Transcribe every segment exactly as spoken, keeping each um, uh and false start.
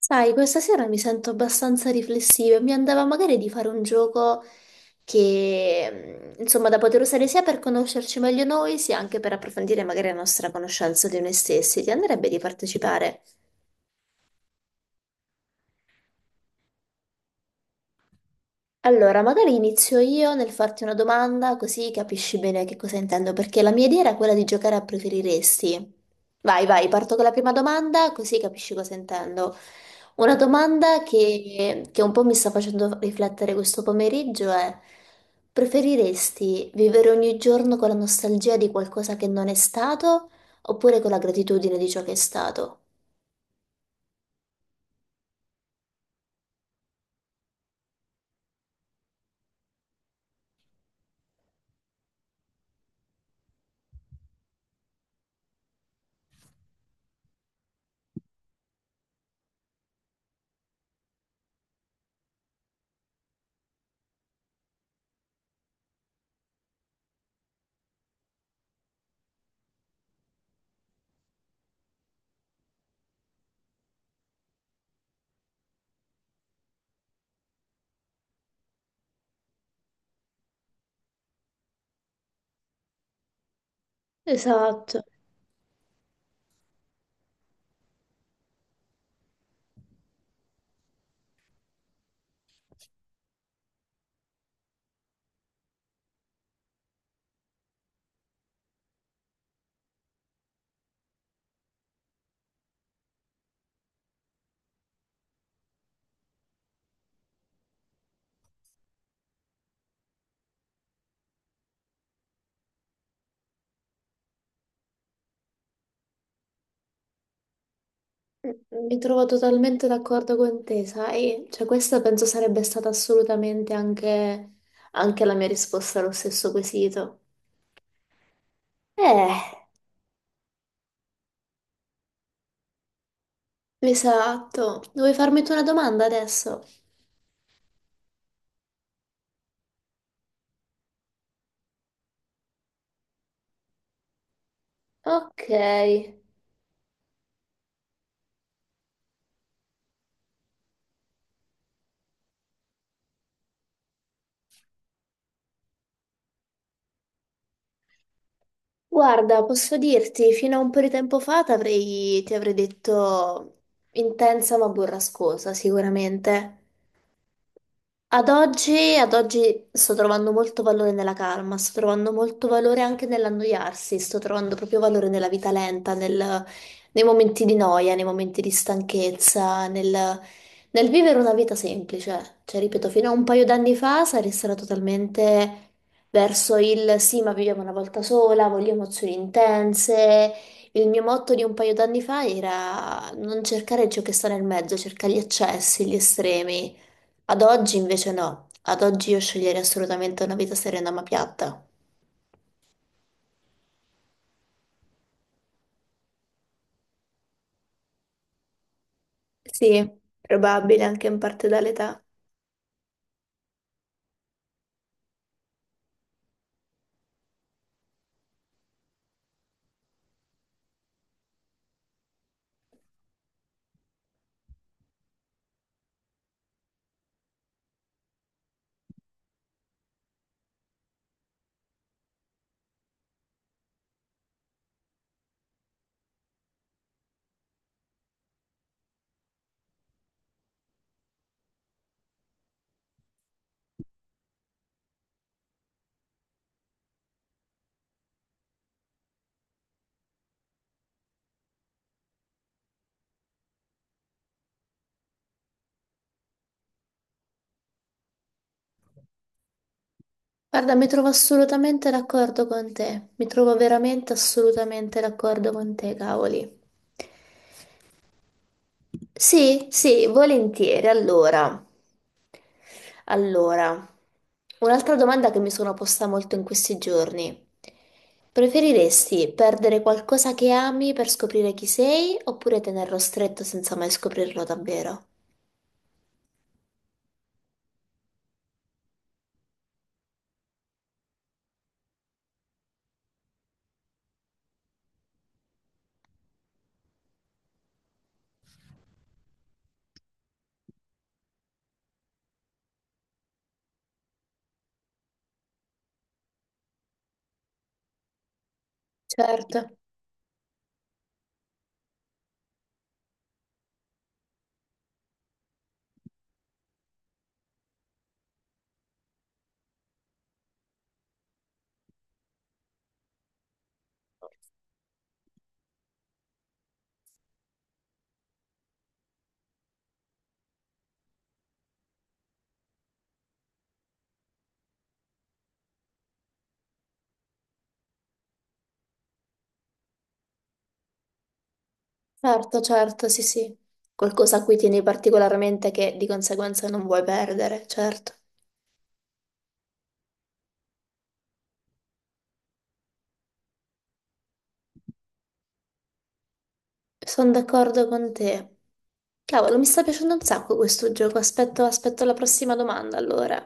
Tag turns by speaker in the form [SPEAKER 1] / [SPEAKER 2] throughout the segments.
[SPEAKER 1] Sai, questa sera mi sento abbastanza riflessiva e mi andava magari di fare un gioco che, mh, insomma, da poter usare sia per conoscerci meglio noi, sia anche per approfondire magari la nostra conoscenza di noi stessi. Ti andrebbe di partecipare? Allora, magari inizio io nel farti una domanda così capisci bene che cosa intendo, perché la mia idea era quella di giocare a preferiresti. Vai, vai, parto con la prima domanda così capisci cosa intendo. Una domanda che, che un po' mi sta facendo riflettere questo pomeriggio è: preferiresti vivere ogni giorno con la nostalgia di qualcosa che non è stato oppure con la gratitudine di ciò che è stato? Esatto. Mi trovo totalmente d'accordo con te, sai? Cioè, questa penso sarebbe stata assolutamente anche, anche la mia risposta allo stesso quesito. Eh, esatto. Vuoi farmi tu una domanda adesso? Ok. Guarda, posso dirti, fino a un po' di tempo fa t'avrei- ti avrei detto intensa ma burrascosa, sicuramente. Ad oggi, ad oggi sto trovando molto valore nella calma, sto trovando molto valore anche nell'annoiarsi, sto trovando proprio valore nella vita lenta, nel- nei momenti di noia, nei momenti di stanchezza, nel, nel vivere una vita semplice. Cioè, ripeto, fino a un paio d'anni fa sarei stata totalmente verso il sì, ma viviamo una volta sola, voglio emozioni intense. Il mio motto di un paio d'anni fa era non cercare ciò che sta nel mezzo, cerca gli eccessi, gli estremi. Ad oggi invece no, ad oggi io sceglierei assolutamente una vita serena ma piatta. Sì, probabile anche in parte dall'età. Guarda, mi trovo assolutamente d'accordo con te, mi trovo veramente assolutamente d'accordo con te, cavoli. Sì, sì, volentieri. Allora, allora, un'altra domanda che mi sono posta molto in questi giorni. Preferiresti perdere qualcosa che ami per scoprire chi sei oppure tenerlo stretto senza mai scoprirlo davvero? Certo. Certo, certo, sì, sì. Qualcosa a cui tieni particolarmente che di conseguenza non vuoi perdere, certo. Sono d'accordo con te. Cavolo, mi sta piacendo un sacco questo gioco. Aspetto, aspetto la prossima domanda, allora.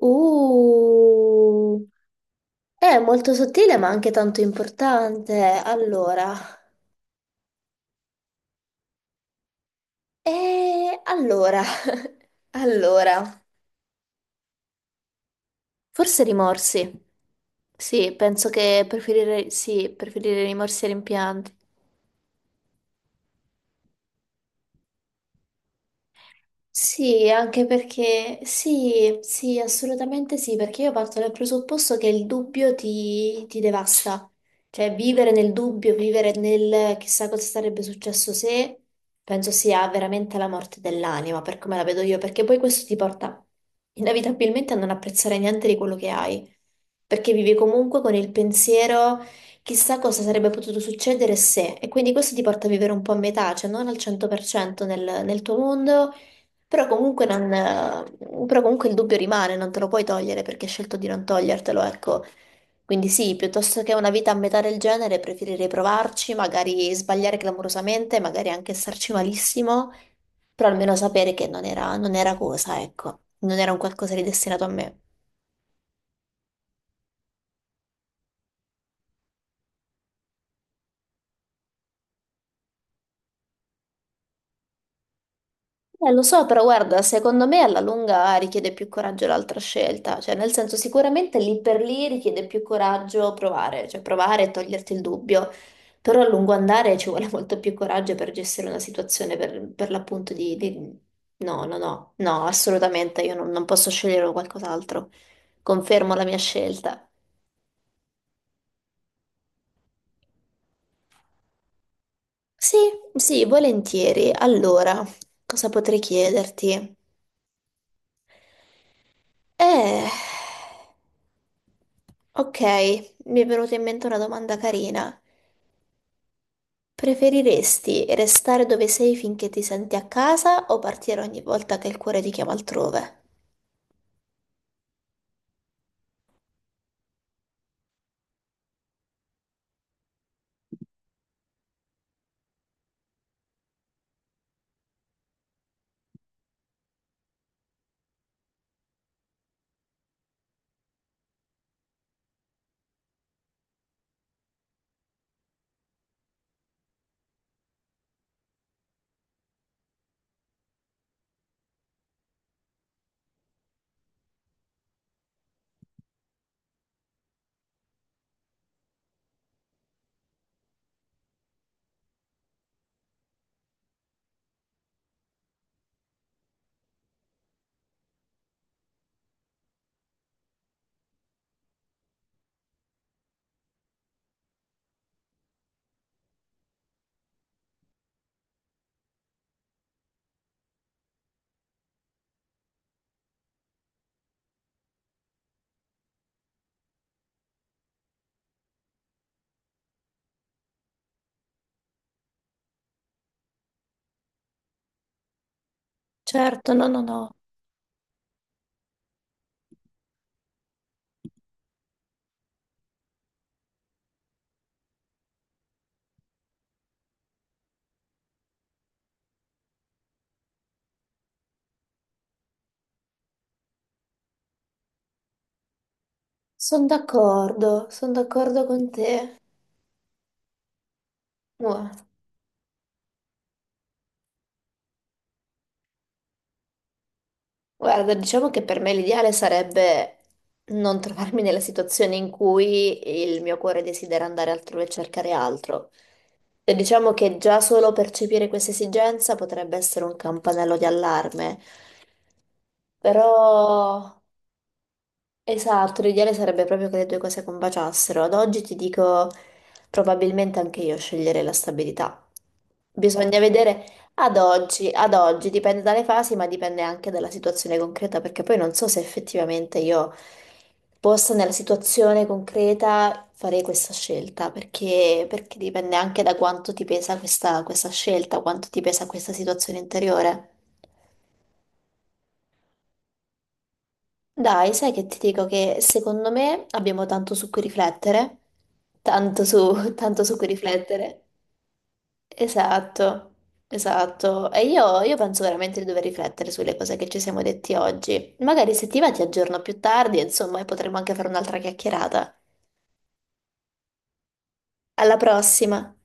[SPEAKER 1] Uh, è molto sottile, ma anche tanto importante. Allora, e allora, allora, forse rimorsi. Sì, penso che preferirei, sì, preferirei rimorsi e rimpianti. Sì, anche perché sì, sì, assolutamente sì, perché io parto dal presupposto che il dubbio ti, ti devasta. Cioè, vivere nel dubbio, vivere nel chissà cosa sarebbe successo se, penso sia veramente la morte dell'anima, per come la vedo io, perché poi questo ti porta inevitabilmente a non apprezzare niente di quello che hai, perché vivi comunque con il pensiero chissà cosa sarebbe potuto succedere se, e quindi questo ti porta a vivere un po' a metà, cioè non al cento per cento nel, nel tuo mondo però comunque, non, eh, però comunque il dubbio rimane, non te lo puoi togliere perché hai scelto di non togliertelo, ecco. Quindi sì, piuttosto che una vita a metà del genere, preferirei provarci, magari sbagliare clamorosamente, magari anche starci malissimo, però almeno sapere che non era, non era cosa, ecco, non era un qualcosa di destinato a me. Eh, lo so, però guarda, secondo me alla lunga richiede più coraggio l'altra scelta, cioè nel senso sicuramente lì per lì richiede più coraggio provare, cioè provare e toglierti il dubbio, però a lungo andare ci vuole molto più coraggio per gestire una situazione per, per l'appunto di, di- No, no, no, no, assolutamente, io non, non posso scegliere qualcos'altro, confermo la mia scelta. Sì, sì, volentieri. Allora, cosa potrei chiederti? Eh, ok, mi è venuta in mente una domanda carina. Preferiresti restare dove sei finché ti senti a casa o partire ogni volta che il cuore ti chiama altrove? Certo, no, no, no. Sono d'accordo, sono d'accordo con te. Mua. Guarda, diciamo che per me l'ideale sarebbe non trovarmi nella situazione in cui il mio cuore desidera andare altrove e cercare altro. E diciamo che già solo percepire questa esigenza potrebbe essere un campanello di allarme, però esatto, l'ideale sarebbe proprio che le due cose combaciassero. Ad oggi ti dico, probabilmente anche io sceglierei la stabilità. Bisogna vedere ad oggi, ad oggi, dipende dalle fasi, ma dipende anche dalla situazione concreta, perché poi non so se effettivamente io possa nella situazione concreta fare questa scelta, perché, perché dipende anche da quanto ti pesa questa, questa scelta, quanto ti pesa questa situazione interiore. Dai, sai che ti dico che secondo me abbiamo tanto su cui riflettere. Tanto su, tanto su cui riflettere. Esatto, esatto. E io, io penso veramente di dover riflettere sulle cose che ci siamo detti oggi. Magari se ti va ti aggiorno più tardi, insomma, e potremmo anche fare un'altra chiacchierata. Alla prossima!